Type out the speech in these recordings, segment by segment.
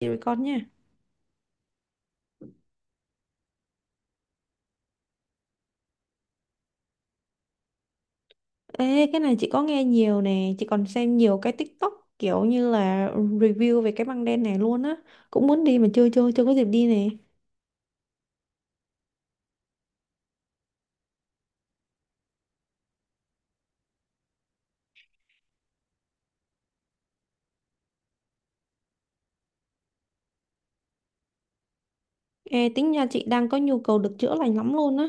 Chị với con nha. Ê, cái này chị có nghe nhiều nè, chị còn xem nhiều cái TikTok kiểu như là review về cái băng đen này luôn á. Cũng muốn đi mà chưa chưa chưa có dịp đi nè. Ê, tính nhà chị đang có nhu cầu được chữa lành lắm luôn á.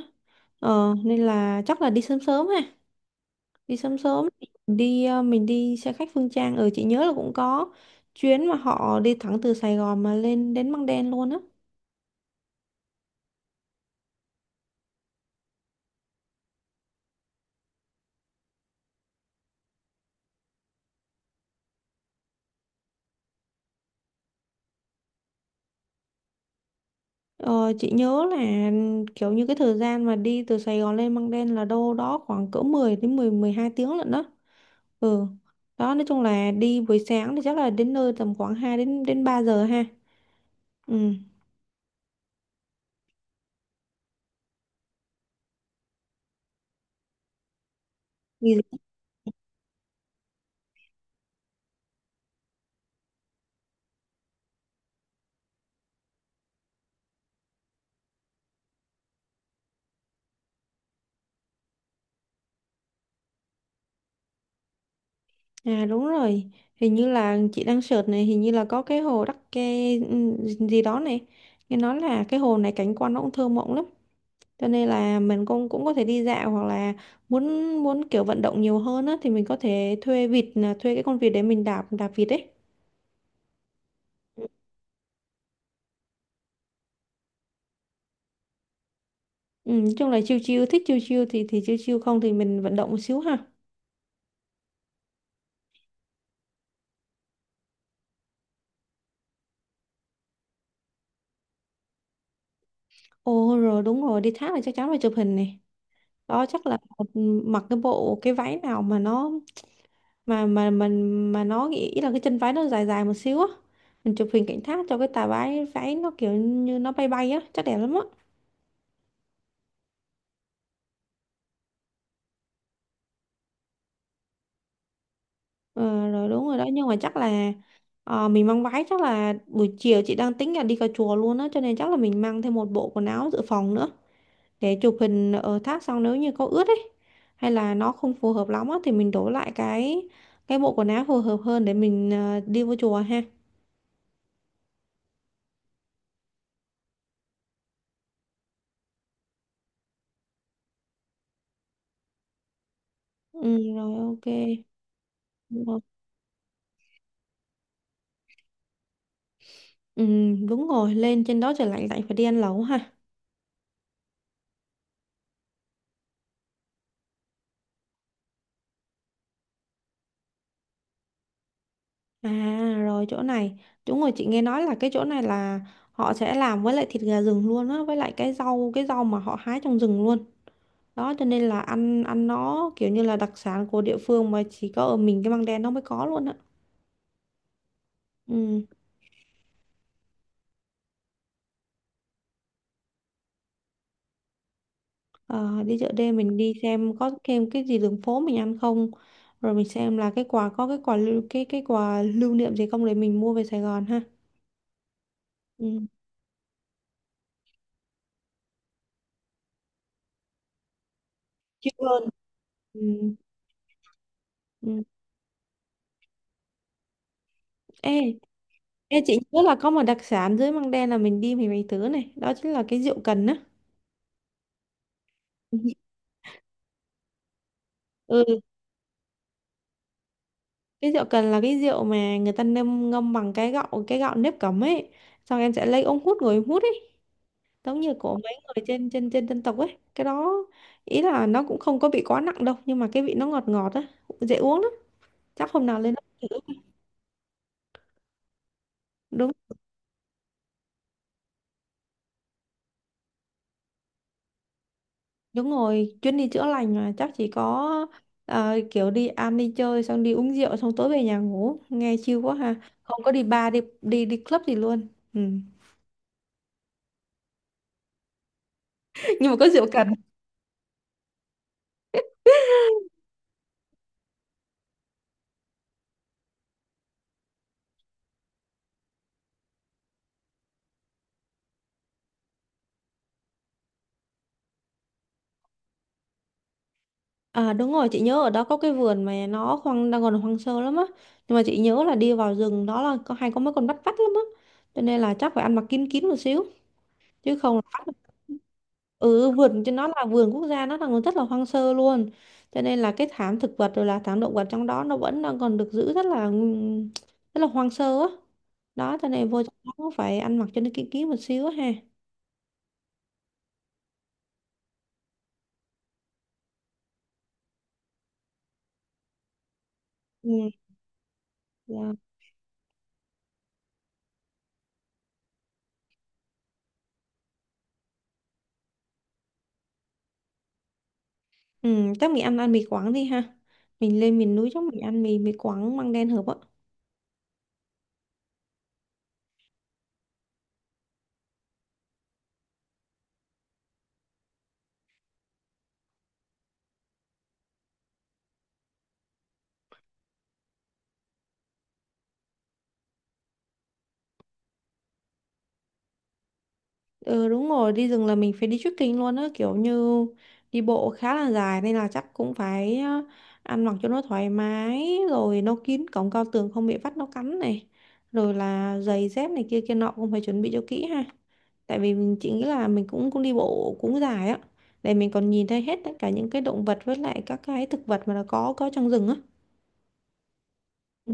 Ờ, nên là chắc là đi sớm sớm ha. Đi sớm sớm đi mình đi xe khách Phương Trang ở chị nhớ là cũng có chuyến mà họ đi thẳng từ Sài Gòn mà lên đến băng đen luôn á. Ờ, chị nhớ là kiểu như cái thời gian mà đi từ Sài Gòn lên Măng Đen là đâu đó khoảng cỡ 10 đến mười mười hai tiếng lận đó. Ừ. Đó nói chung là đi buổi sáng thì chắc là đến nơi tầm khoảng 2 đến đến 3 giờ ha. Ừ. Nghỉ- À đúng rồi. Hình như là chị đang search này, hình như là có cái hồ Đắc Kê ừ, gì đó này. Nghe nói là cái hồ này cảnh quan nó cũng thơ mộng lắm. Cho nên là mình cũng cũng có thể đi dạo hoặc là muốn muốn kiểu vận động nhiều hơn á thì mình có thể thuê vịt là thuê cái con vịt để mình đạp đạp vịt ấy. Ừ, nói chung là chiêu chiêu thích chiêu chiêu thì chiêu chiêu không thì mình vận động một xíu ha. Ồ rồi đúng rồi đi thác là chắc chắn phải chụp hình này. Đó chắc là mặc cái bộ cái váy nào mà nó mà mình mà nó nghĩ ý là cái chân váy nó dài dài một xíu á. Mình chụp hình cảnh thác cho cái tà váy váy nó kiểu như nó bay bay á, chắc đẹp lắm á. Ờ, rồi đúng rồi đó nhưng mà chắc là mình mang váy chắc là buổi chiều chị đang tính là đi cà chùa luôn á cho nên chắc là mình mang thêm một bộ quần áo dự phòng nữa. Để chụp hình ở thác xong nếu như có ướt ấy hay là nó không phù hợp lắm á, thì mình đổi lại cái bộ quần áo phù hợp hơn để mình đi vô chùa ha. Ừ, rồi ok. Đúng rồi. Ừ, đúng rồi lên trên đó trời lạnh lạnh phải đi ăn lẩu ha. À rồi chỗ này đúng rồi chị nghe nói là cái chỗ này là họ sẽ làm với lại thịt gà rừng luôn á với lại cái rau mà họ hái trong rừng luôn đó cho nên là ăn ăn nó kiểu như là đặc sản của địa phương mà chỉ có ở mình cái măng đen nó mới có luôn á. Ừ. Ờ, đi chợ đêm mình đi xem có thêm cái gì đường phố mình ăn không, rồi mình xem là cái quà có cái quà lưu niệm gì không để mình mua về Sài Gòn ha. Ừ. Chịu hơn. Ừ. Ừ. Ê, ê, chị nhớ là có một đặc sản dưới Măng Đen là mình đi mình phải thử này đó chính là cái rượu cần á. Ừ, cái rượu cần là cái rượu mà người ta ngâm ngâm bằng cái gạo nếp cẩm ấy, xong em sẽ lấy ống hút ngồi em hút ấy, giống như của mấy người trên trên trên dân tộc ấy cái đó. Ý là nó cũng không có bị quá nặng đâu nhưng mà cái vị nó ngọt ngọt á, dễ uống lắm, chắc hôm nào lên đó. Đúng Đúng rồi chuyến đi chữa lành mà chắc chỉ có kiểu đi ăn đi chơi xong đi uống rượu xong tối về nhà ngủ nghe chill quá ha, không có đi bar đi đi đi club gì luôn. Ừ. Nhưng mà có rượu cần. À đúng rồi chị nhớ ở đó có cái vườn mà nó hoang đang còn hoang sơ lắm á, nhưng mà chị nhớ là đi vào rừng đó là có hay có mấy con bắt vắt lắm á, cho nên là chắc phải ăn mặc kín kín một xíu chứ không là bắt. Ừ, vườn cho nó là vườn quốc gia nó là rất là hoang sơ luôn, cho nên là cái thảm thực vật rồi là thảm động vật trong đó nó vẫn đang còn được giữ rất là hoang sơ á. Đó cho nên vô trong đó cũng phải ăn mặc cho nó kỹ kỹ một xíu á ha. Ừ, dạ. Ừ chắc mình ăn ăn mì Quảng đi ha, mình lên miền núi chắc mình ăn mì mì Quảng măng đen hợp á. Ừ đúng rồi, đi rừng là mình phải đi trekking luôn á, kiểu như đi bộ khá là dài nên là chắc cũng phải ăn mặc cho nó thoải mái, rồi nó kín cổng cao tường không bị vắt nó cắn này, rồi là giày dép này kia kia nọ cũng phải chuẩn bị cho kỹ ha. Tại vì mình chỉ nghĩ là mình cũng cũng đi bộ cũng dài á, để mình còn nhìn thấy hết tất cả những cái động vật với lại các cái thực vật mà nó có trong rừng á. Ừ.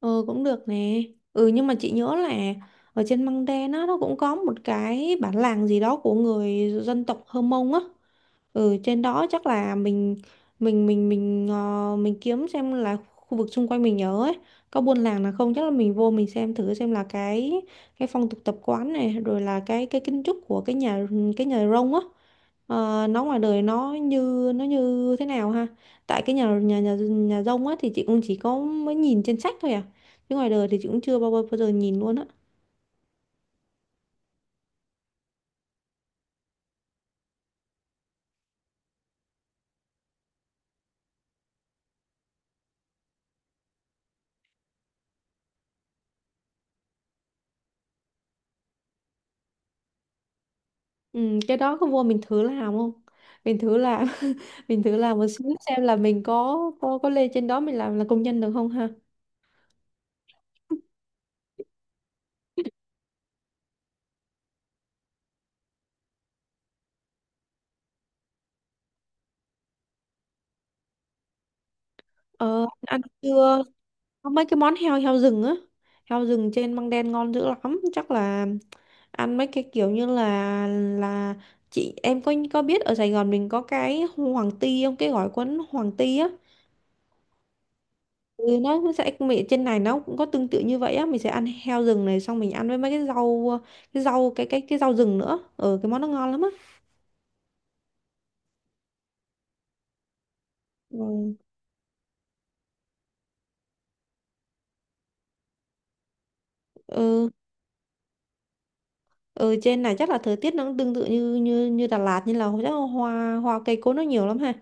Ừ cũng được nè. Ừ nhưng mà chị nhớ là ở trên Măng Đen á nó cũng có một cái bản làng gì đó của người dân tộc Hơ Mông á. Ừ, trên đó chắc là mình mình kiếm xem là khu vực xung quanh mình nhớ ấy có buôn làng nào không, chắc là mình vô mình xem thử xem là cái phong tục tập quán này rồi là cái kiến trúc của cái nhà rông á, nó ngoài đời nó như thế nào ha. Tại cái nhà nhà nhà nhà rông á thì chị cũng chỉ có mới nhìn trên sách thôi à, chứ ngoài đời thì chị cũng chưa bao bao giờ nhìn luôn á. Ừ, cái đó có vô mình thử làm không? Mình thử làm mình thử làm một xíu xem là mình có lên trên đó mình làm là công nhân được không ha? Ờ ăn chưa? Có mấy cái món heo heo rừng á. Heo rừng trên Măng Đen ngon dữ lắm, chắc là ăn mấy cái kiểu như là là chị em có biết ở Sài Gòn mình có cái hoàng ti không? Cái gỏi cuốn hoàng ti á. Ừ, nó sẽ mì trên này nó cũng có tương tự như vậy á, mình sẽ ăn heo rừng này xong mình ăn với mấy cái rau rừng nữa, ừ cái món nó ngon lắm á. Ừ. Ừ. Ừ trên này chắc là thời tiết nó cũng tương tự như như như Đà Lạt, như là chắc là hoa hoa cây cối nó nhiều lắm ha.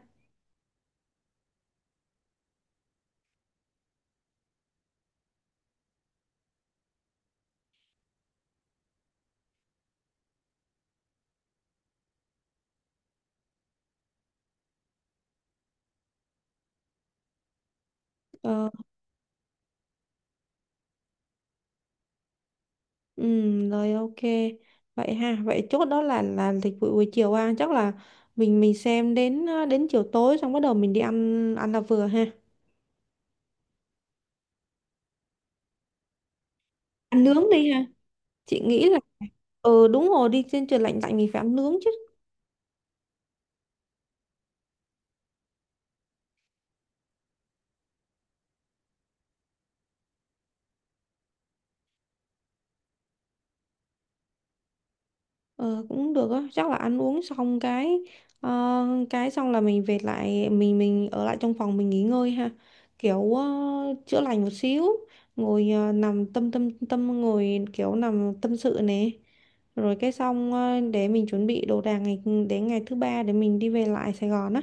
Ờ. Ừ rồi ok. Vậy ha, vậy chốt đó là lịch vụ buổi chiều ha, chắc là mình xem đến đến chiều tối xong bắt đầu mình đi ăn ăn là vừa ha, ăn nướng đi ha, chị nghĩ là ừ đúng rồi đi trên trời lạnh lạnh mình phải ăn nướng chứ. Ờ, cũng được á, chắc là ăn uống xong cái ờ, cái xong là mình về lại mình ở lại trong phòng mình nghỉ ngơi ha. Kiểu chữa lành một xíu, ngồi nằm tâm tâm tâm ngồi kiểu nằm tâm sự nè. Rồi cái xong để mình chuẩn bị đồ đạc ngày đến ngày thứ ba để mình đi về lại Sài Gòn á.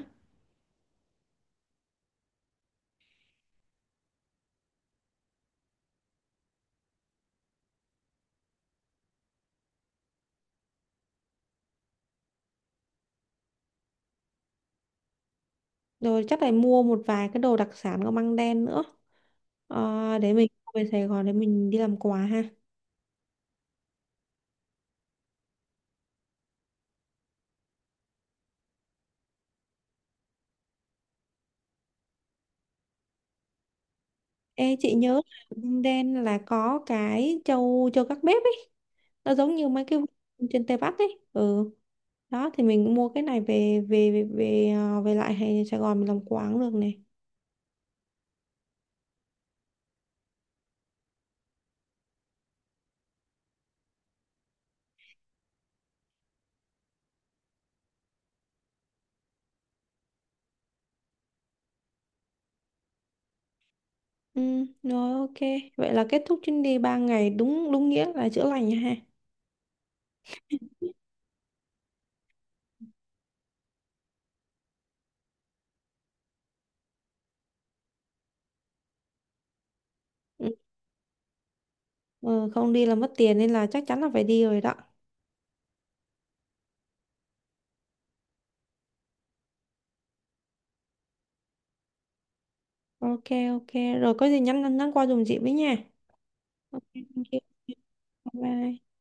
Rồi chắc là mua một vài cái đồ đặc sản của Măng Đen nữa. Ờ, để mình về Sài Gòn để mình đi làm quà ha. Ê, chị nhớ là Vung Đen là có cái trâu trâu gác bếp ấy. Nó giống như mấy cái vùng trên Tây Bắc ấy. Ừ. Đó thì mình mua cái này về về về về, à, về lại hay Sài Gòn mình làm quán được này. Ừ, rồi ok. Vậy là kết thúc chuyến đi 3 ngày đúng đúng nghĩa là chữa lành nha ha. Ừ, ừ, không đi là mất tiền nên là chắc chắn là phải đi rồi đó. Ok ok. Rồi có gì nhắn nhắn qua dùm chị với nha. Ok, thank you. Bye bye.